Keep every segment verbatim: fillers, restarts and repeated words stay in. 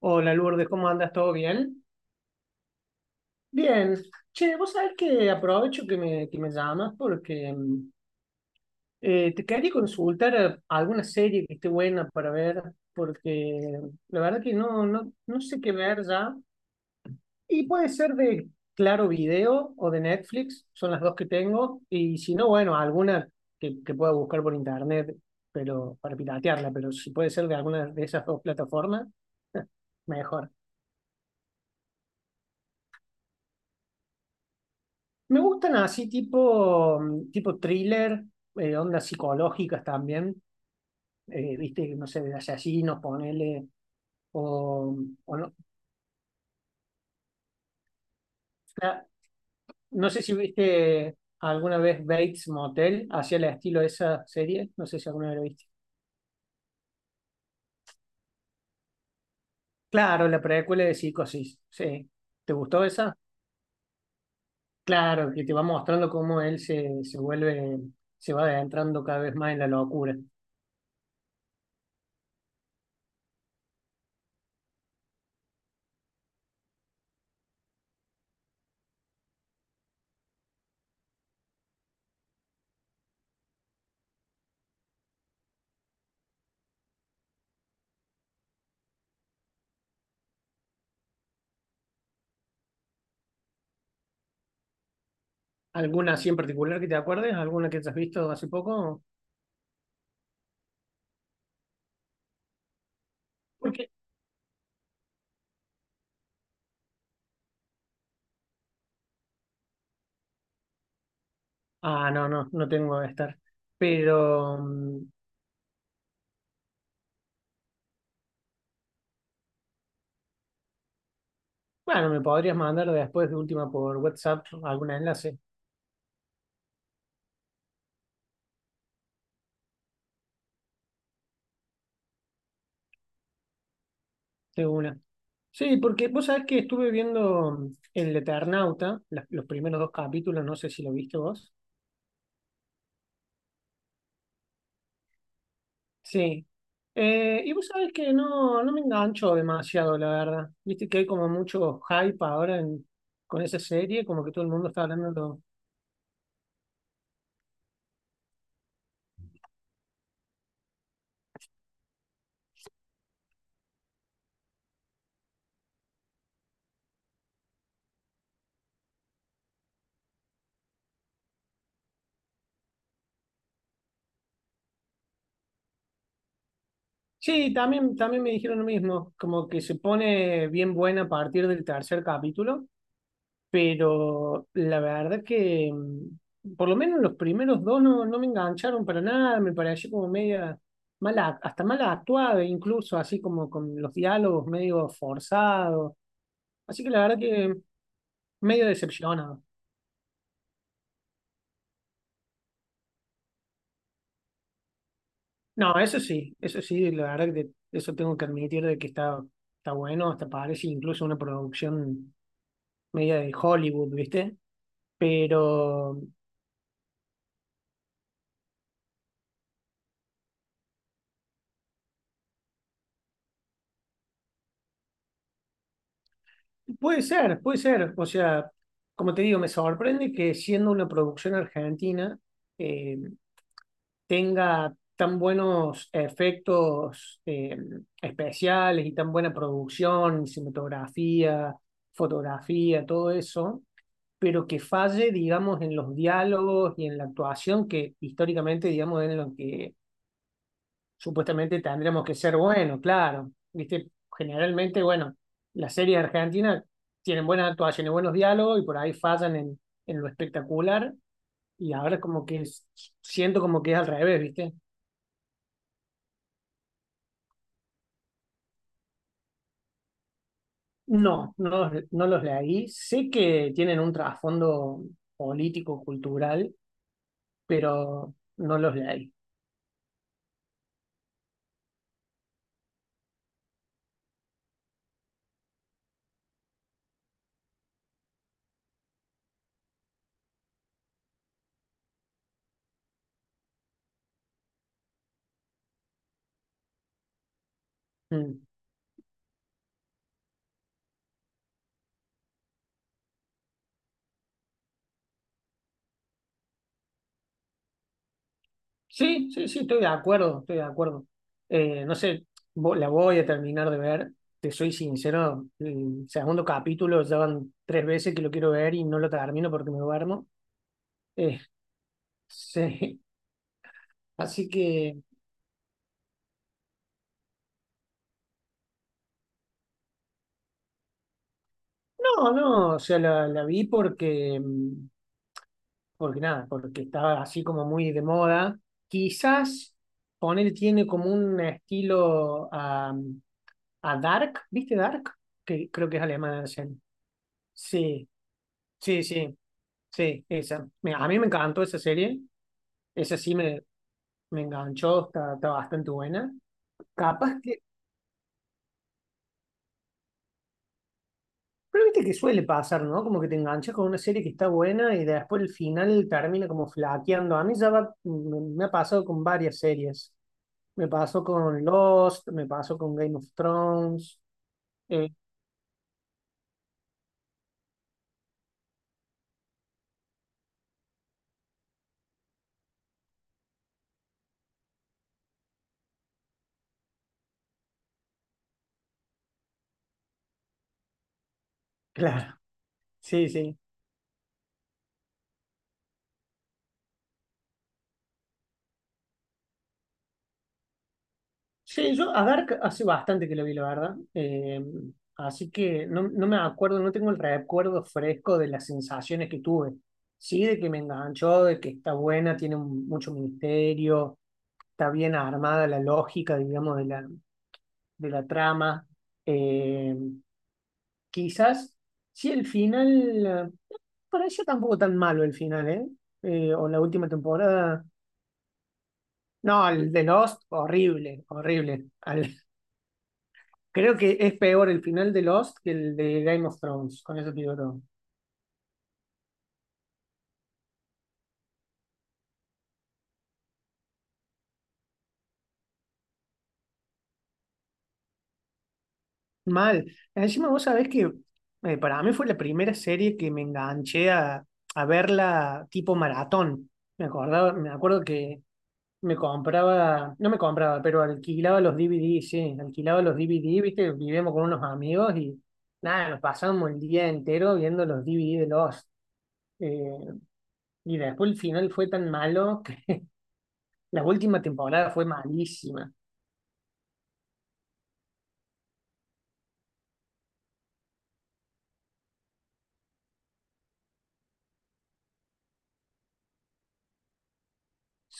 Hola Lourdes, ¿cómo andas? ¿Todo bien? Bien. Che, vos sabés que aprovecho que me, que me llamas porque mm, eh, te quería consultar eh, alguna serie que esté buena para ver, porque la verdad que no, no, no sé qué ver ya. Y puede ser de Claro Video o de Netflix, son las dos que tengo. Y si no, bueno, alguna que, que pueda buscar por internet pero para piratearla, pero si puede ser de alguna de esas dos plataformas, mejor. Me gustan así tipo, mm, tipo thriller, eh, ondas psicológicas también, eh, viste, no sé, de asesinos, ponele, o, o no, la- no sé si viste alguna vez Bates Motel, hacia el estilo de esa serie, no sé si alguna vez lo viste. Claro, la precuela de Psicosis, sí. ¿Te gustó esa? Claro, que te va mostrando cómo él se, se vuelve, se va adentrando cada vez más en la locura. ¿Alguna así en particular que te acuerdes? ¿Alguna que te has visto hace poco? Ah, no, no, no tengo estar, pero mm, bueno, me podrías mandar después de última por WhatsApp algún enlace de una. Sí, porque vos sabés que estuve viendo mm, El Eternauta, las- los primeros dos capítulos, no sé si lo viste vos. Sí. Eh, y vos sabés que no, no me engancho demasiado, la verdad. Viste que hay como mucho hype ahora en- con esa serie, como que todo el mundo está hablando. lo- Sí, también, también me dijeron lo mismo, como que se pone bien buena a partir del tercer capítulo. Pero la verdad que mm, por lo menos los primeros dos no, no me engancharon para nada, me pareció como media mala, hasta mala actuada, incluso así como con los diálogos medio forzados. Así que la verdad que medio decepcionado. No, eso sí, eso sí, la verdad que eso tengo que admitir de que está, está bueno, hasta parece incluso una producción media de Hollywood, ¿viste? Pero puede ser, puede ser. O sea, como te digo, me sorprende que siendo una producción argentina eh, tenga tan buenos efectos eh, especiales y tan buena producción, cinematografía, fotografía, todo eso, pero que falle, digamos, en los diálogos y en la actuación que históricamente, digamos, es en lo que supuestamente tendremos que ser buenos, claro. Viste, generalmente, bueno, las series argentinas tienen buenas actuaciones, buenos diálogos y por ahí fallan en, en lo espectacular. Y ahora como que es- siento como que es al revés, ¿viste? No, no, los- no los leí. Sé que tienen un trasfondo político, cultural, pero no los leí. Mm. Sí, sí, sí, estoy de acuerdo, estoy de acuerdo. Eh, no sé, vo- la voy a terminar de ver, te soy sincero, el segundo capítulo ya van tres veces que lo quiero ver y no lo termino porque me duermo. Eh, sí, así que, no, no, o sea, la, la vi porque, mm, porque nada, porque estaba así como muy de moda. Quizás poner tiene como un estilo a, a Dark, ¿viste Dark? Que creo que es alemana, la serie. Sí, sí, sí, sí, esa. Mira, a mí me encantó esa serie. Esa sí me, me enganchó, está, está bastante buena. Capaz que, pero viste que suele pasar, ¿no? Como que te enganchas con una serie que está buena y después el final termina como flaqueando. A mí ya va- me, me ha pasado con varias series. Me pasó con Lost, me pasó con Game of Thrones. Eh, claro, sí, sí. Sí, yo a Dark hace bastante que lo vi, la verdad. Eh, así que no, no me acuerdo, no tengo el recuerdo fresco de las sensaciones que tuve. Sí, de que me enganchó, de que está buena, tiene un- mucho misterio, está bien armada la lógica, digamos, de la, de la trama. Eh, quizás, sí, el final, eh, parecía tampoco tan malo el final, ¿eh? Eh, o la última temporada. No, el de Lost, horrible, horrible. Al- Creo que es peor el final de Lost que el de Game of Thrones, con eso te digo todo. Mal. Encima vos sabés que eh, para mí fue la primera serie que me enganché a, a verla tipo maratón. Me acordaba, me acuerdo que me compraba, no me compraba, pero alquilaba los D V Ds, sí, alquilaba los D V Ds, viste, vivíamos con unos amigos y nada, nos pasamos el día entero viendo los D V Ds de Lost. Eh, y después el final fue tan malo que la última temporada fue malísima.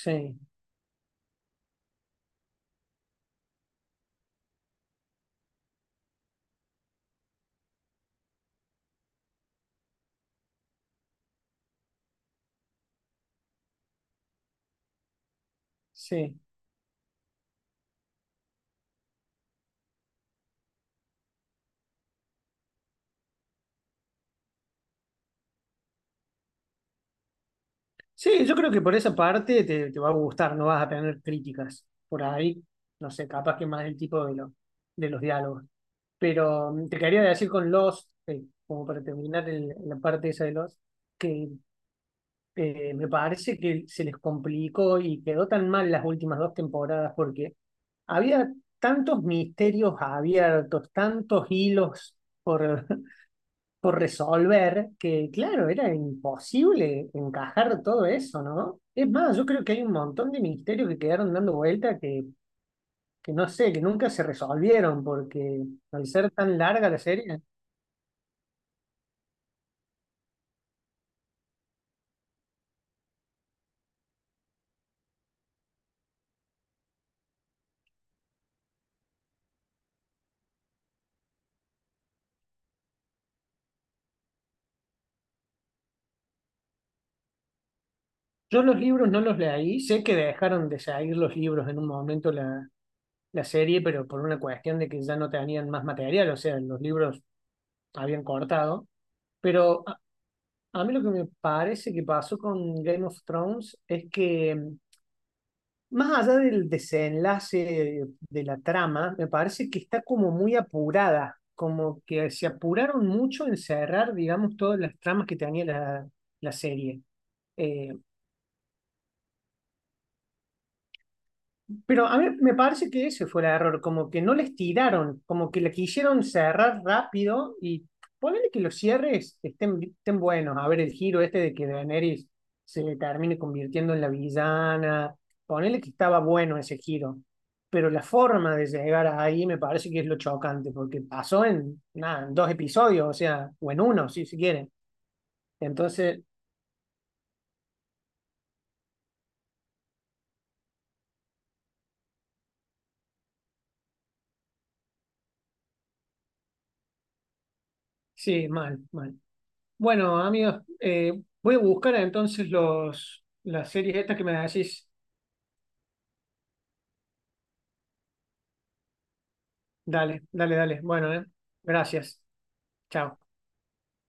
Sí, sí. Sí, yo creo que por esa parte te, te va a gustar, no vas a tener críticas por ahí. No sé, capaz que más el tipo de, lo- de los diálogos. Pero mm, te quería decir con Lost, eh, como para terminar el- la parte esa de Lost, que eh, me parece que se les complicó y quedó tan mal las últimas dos temporadas porque había tantos misterios abiertos, tantos hilos por, por resolver, que claro, era imposible encajar todo eso, ¿no? Es más, yo creo que hay un montón de misterios que quedaron dando vuelta que, que no sé, que nunca se resolvieron, porque al ser tan larga la serie, yo los libros no los leí, sé que dejaron de salir los libros en un momento la, la serie, pero por una cuestión de que ya no tenían más material, o sea, los libros habían cortado, pero... A, a mí lo que me parece que pasó con Game of Thrones es que más allá del desenlace de la trama, me parece que está como muy apurada, como que se apuraron mucho en cerrar, digamos, todas las tramas que tenía la, la serie. Eh, Pero a mí me parece que ese fue el error, como que no les tiraron, como que le quisieron cerrar rápido y ponele que los cierres estén, estén buenos. A ver, el giro este de que Daenerys se termine convirtiendo en la villana, ponele que estaba bueno ese giro. Pero la forma de llegar ahí me parece que es lo chocante, porque pasó en, nada, en dos episodios, o sea, o en uno, si se quiere. Entonces, sí, mal, mal. Bueno, amigos, eh, voy a buscar entonces los, las series estas que me decís. Dale, dale, dale. Bueno, eh, gracias. Chao.